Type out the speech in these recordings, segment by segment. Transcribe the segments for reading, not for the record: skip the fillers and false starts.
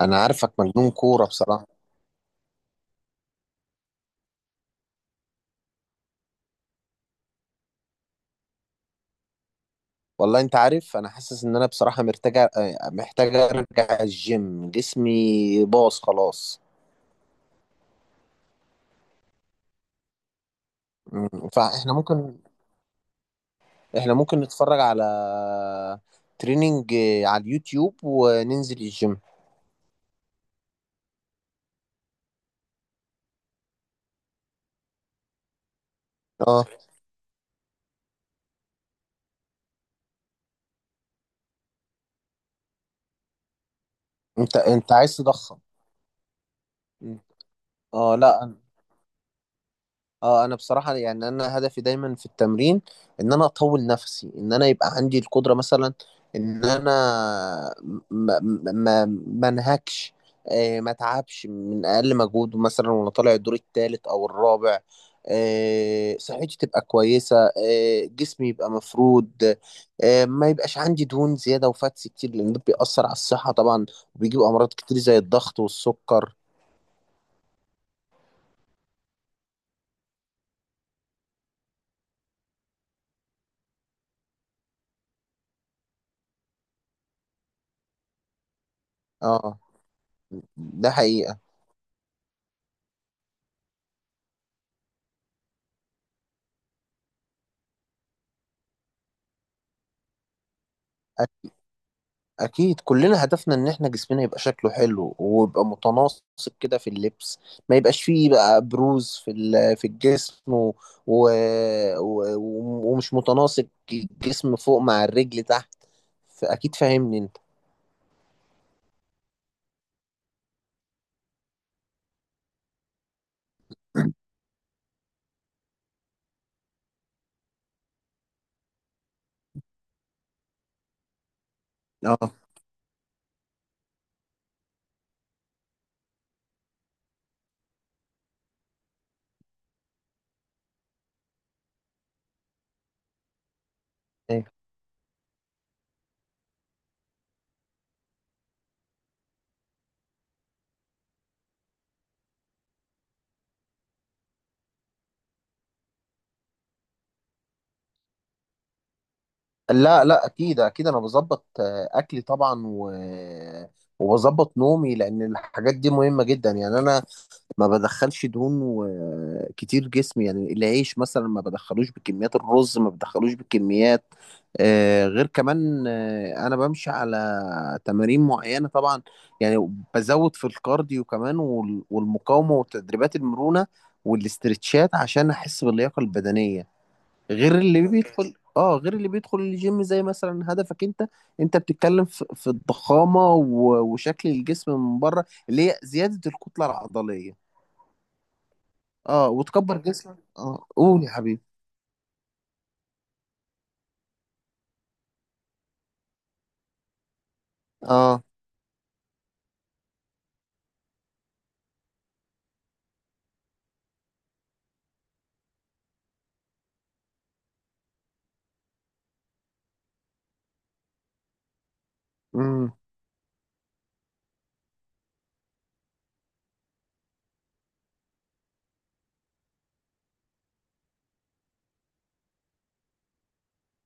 انا عارفك مجنون كوره بصراحه. والله انت عارف انا حاسس ان انا بصراحه محتاج ارجع الجيم. جسمي باظ خلاص. مم. فاحنا ممكن. احنا ممكن نتفرج على تريننج على اليوتيوب وننزل الجيم. اه، انت عايز تضخم؟ اه، لا. اه، انا بصراحة يعني انا هدفي دايما في التمرين ان انا اطول نفسي، ان انا يبقى عندي القدرة مثلا، ان انا ما ما انهكش، ما اتعبش من اقل مجهود مثلا وانا طالع الدور الثالث او الرابع. صحتي تبقى كويسة، جسمي يبقى مفرود. ما يبقاش عندي دهون زيادة وفاتس كتير، لان ده بيأثر على الصحة طبعا، وبيجيب امراض كتير زي الضغط والسكر. اه، ده حقيقة. اكيد كلنا هدفنا ان احنا جسمنا يبقى شكله حلو ويبقى متناسق كده في اللبس، ما يبقاش فيه بقى بروز في الجسم و... و... ومش متناسق. الجسم فوق مع الرجل تحت. فاكيد فاهمني انت. اه. إيه. لا، لا، اكيد اكيد انا بظبط اكلي طبعا وبظبط نومي، لان الحاجات دي مهمة جدا. يعني انا ما بدخلش دهون كتير جسمي، يعني العيش مثلا ما بدخلوش بكميات، الرز ما بدخلوش بكميات، غير كمان انا بمشي على تمارين معينة طبعا، يعني بزود في الكارديو كمان والمقاومة وتدريبات المرونة والاسترتشات عشان احس باللياقة البدنية، غير اللي بيدخل الجيم زي مثلا هدفك انت. انت بتتكلم في الضخامة وشكل الجسم من بره، اللي هي زيادة الكتلة العضلية. اه، وتكبر جسمك. اه، قول يا حبيبي. اه. امم.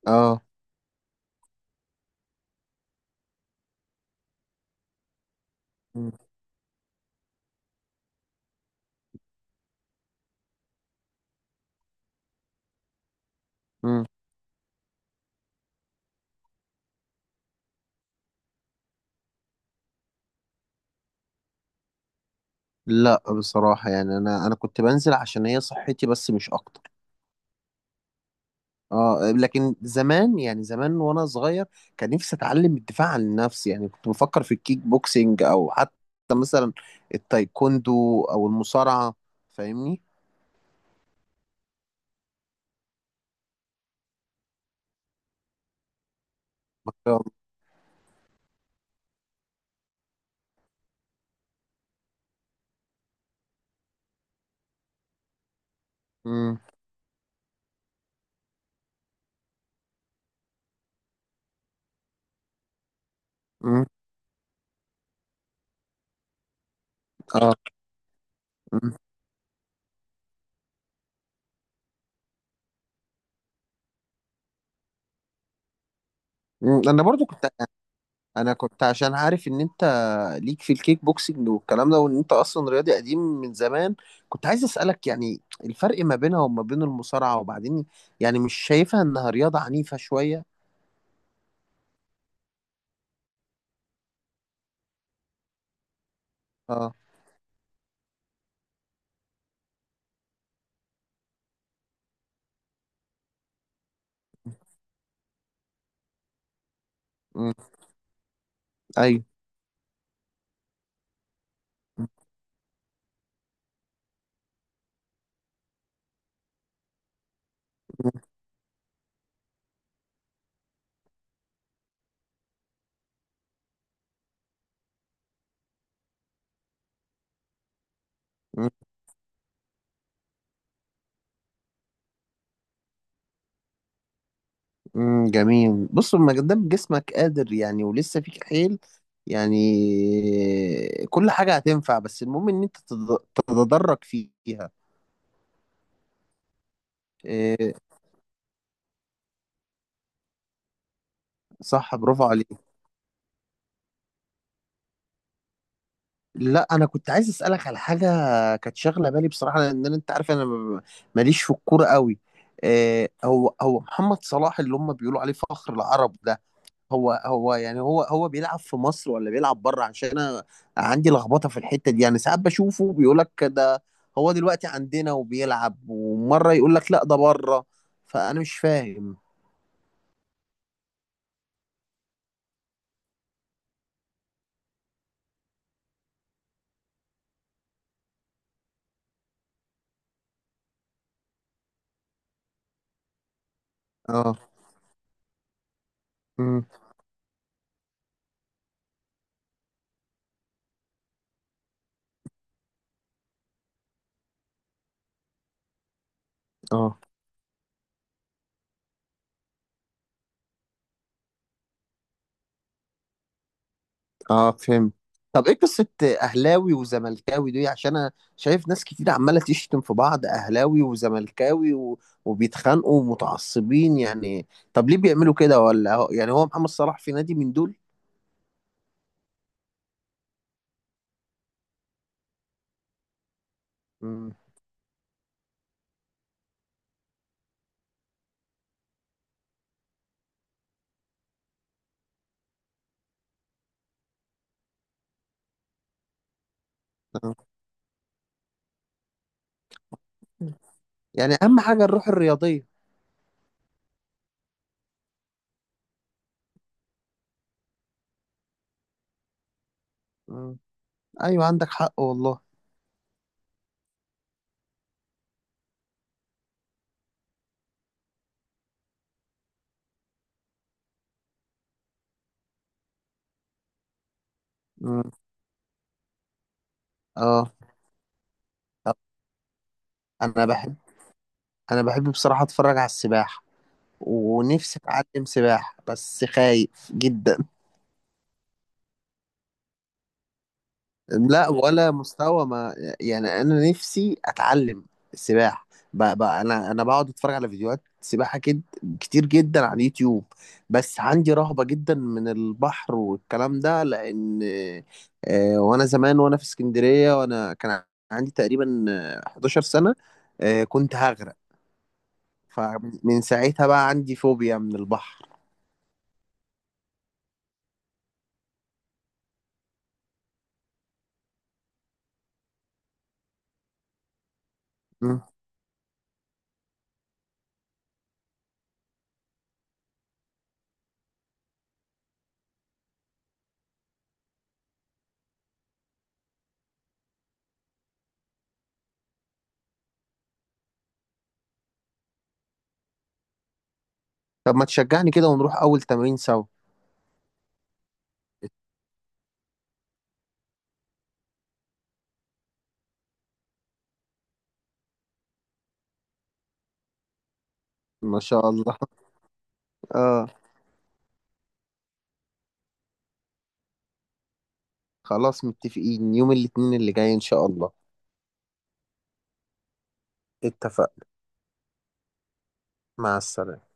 اه. مم. مم. لا بصراحة يعني انا كنت بنزل عشان هي صحتي بس، مش اكتر. اه، لكن زمان، يعني زمان وانا صغير، كان نفسي اتعلم الدفاع عن النفس. يعني كنت بفكر في الكيك بوكسينج، او حتى مثلا التايكوندو او المصارعة. فاهمني. امم. امم. اه. مم. مم. انا برضو انا كنت عشان عارف ان انت ليك في الكيك بوكسنج والكلام ده، وان انت اصلا رياضي قديم من زمان، كنت عايز اسالك يعني الفرق ما بينها وما بين المصارعه؟ وبعدين يعني مش شايفها انها رياضه عنيفه شويه؟ اه. امم. ايوه. مم. مم. جميل. بص، ما دام جسمك قادر يعني ولسه فيك حيل، يعني كل حاجه هتنفع، بس المهم ان انت تتدرج فيها. إيه، صح. برافو عليك. لا، انا كنت عايز اسالك على حاجه كانت شاغله بالي بصراحه، لان انت عارف ماليش في الكوره قوي. هو محمد صلاح اللي هم بيقولوا عليه فخر العرب ده، هو يعني هو بيلعب في مصر ولا بيلعب بره؟ عشان انا عندي لخبطه في الحته دي. يعني ساعات بشوفه بيقول لك ده هو دلوقتي عندنا وبيلعب، ومره يقول لك لا ده بره، فانا مش فاهم. اه. امم. اه. اه، فهمت. طب ايه قصة اهلاوي وزملكاوي دي؟ عشان انا شايف ناس كتير عمالة تشتم في بعض، اهلاوي وزملكاوي وبيتخانقوا ومتعصبين، يعني طب ليه بيعملوا كده؟ ولا يعني هو محمد صلاح في نادي من دول؟ مم. آه. يعني اهم حاجة الروح الرياضية. مم. ايوه، عندك حق والله. مم. اه، طب انا بحب، انا بحب بصراحة اتفرج على السباحة، ونفسي اتعلم سباحة بس خايف جدا. لا ولا مستوى، ما يعني انا نفسي اتعلم السباحه، بقى انا بقعد اتفرج على فيديوهات سباحه كتير جدا على اليوتيوب، بس عندي رهبه جدا من البحر والكلام ده، لان وانا زمان وانا في اسكندريه وانا كان عندي تقريبا 11 سنه، كنت هغرق. فمن ساعتها بقى عندي فوبيا من البحر. مم. طب ما تشجعني كده ونروح اول تمرين سوا؟ ما شاء الله. اه. خلاص، متفقين يوم الاثنين اللي جاي إن شاء الله. اتفقنا. مع السلامة.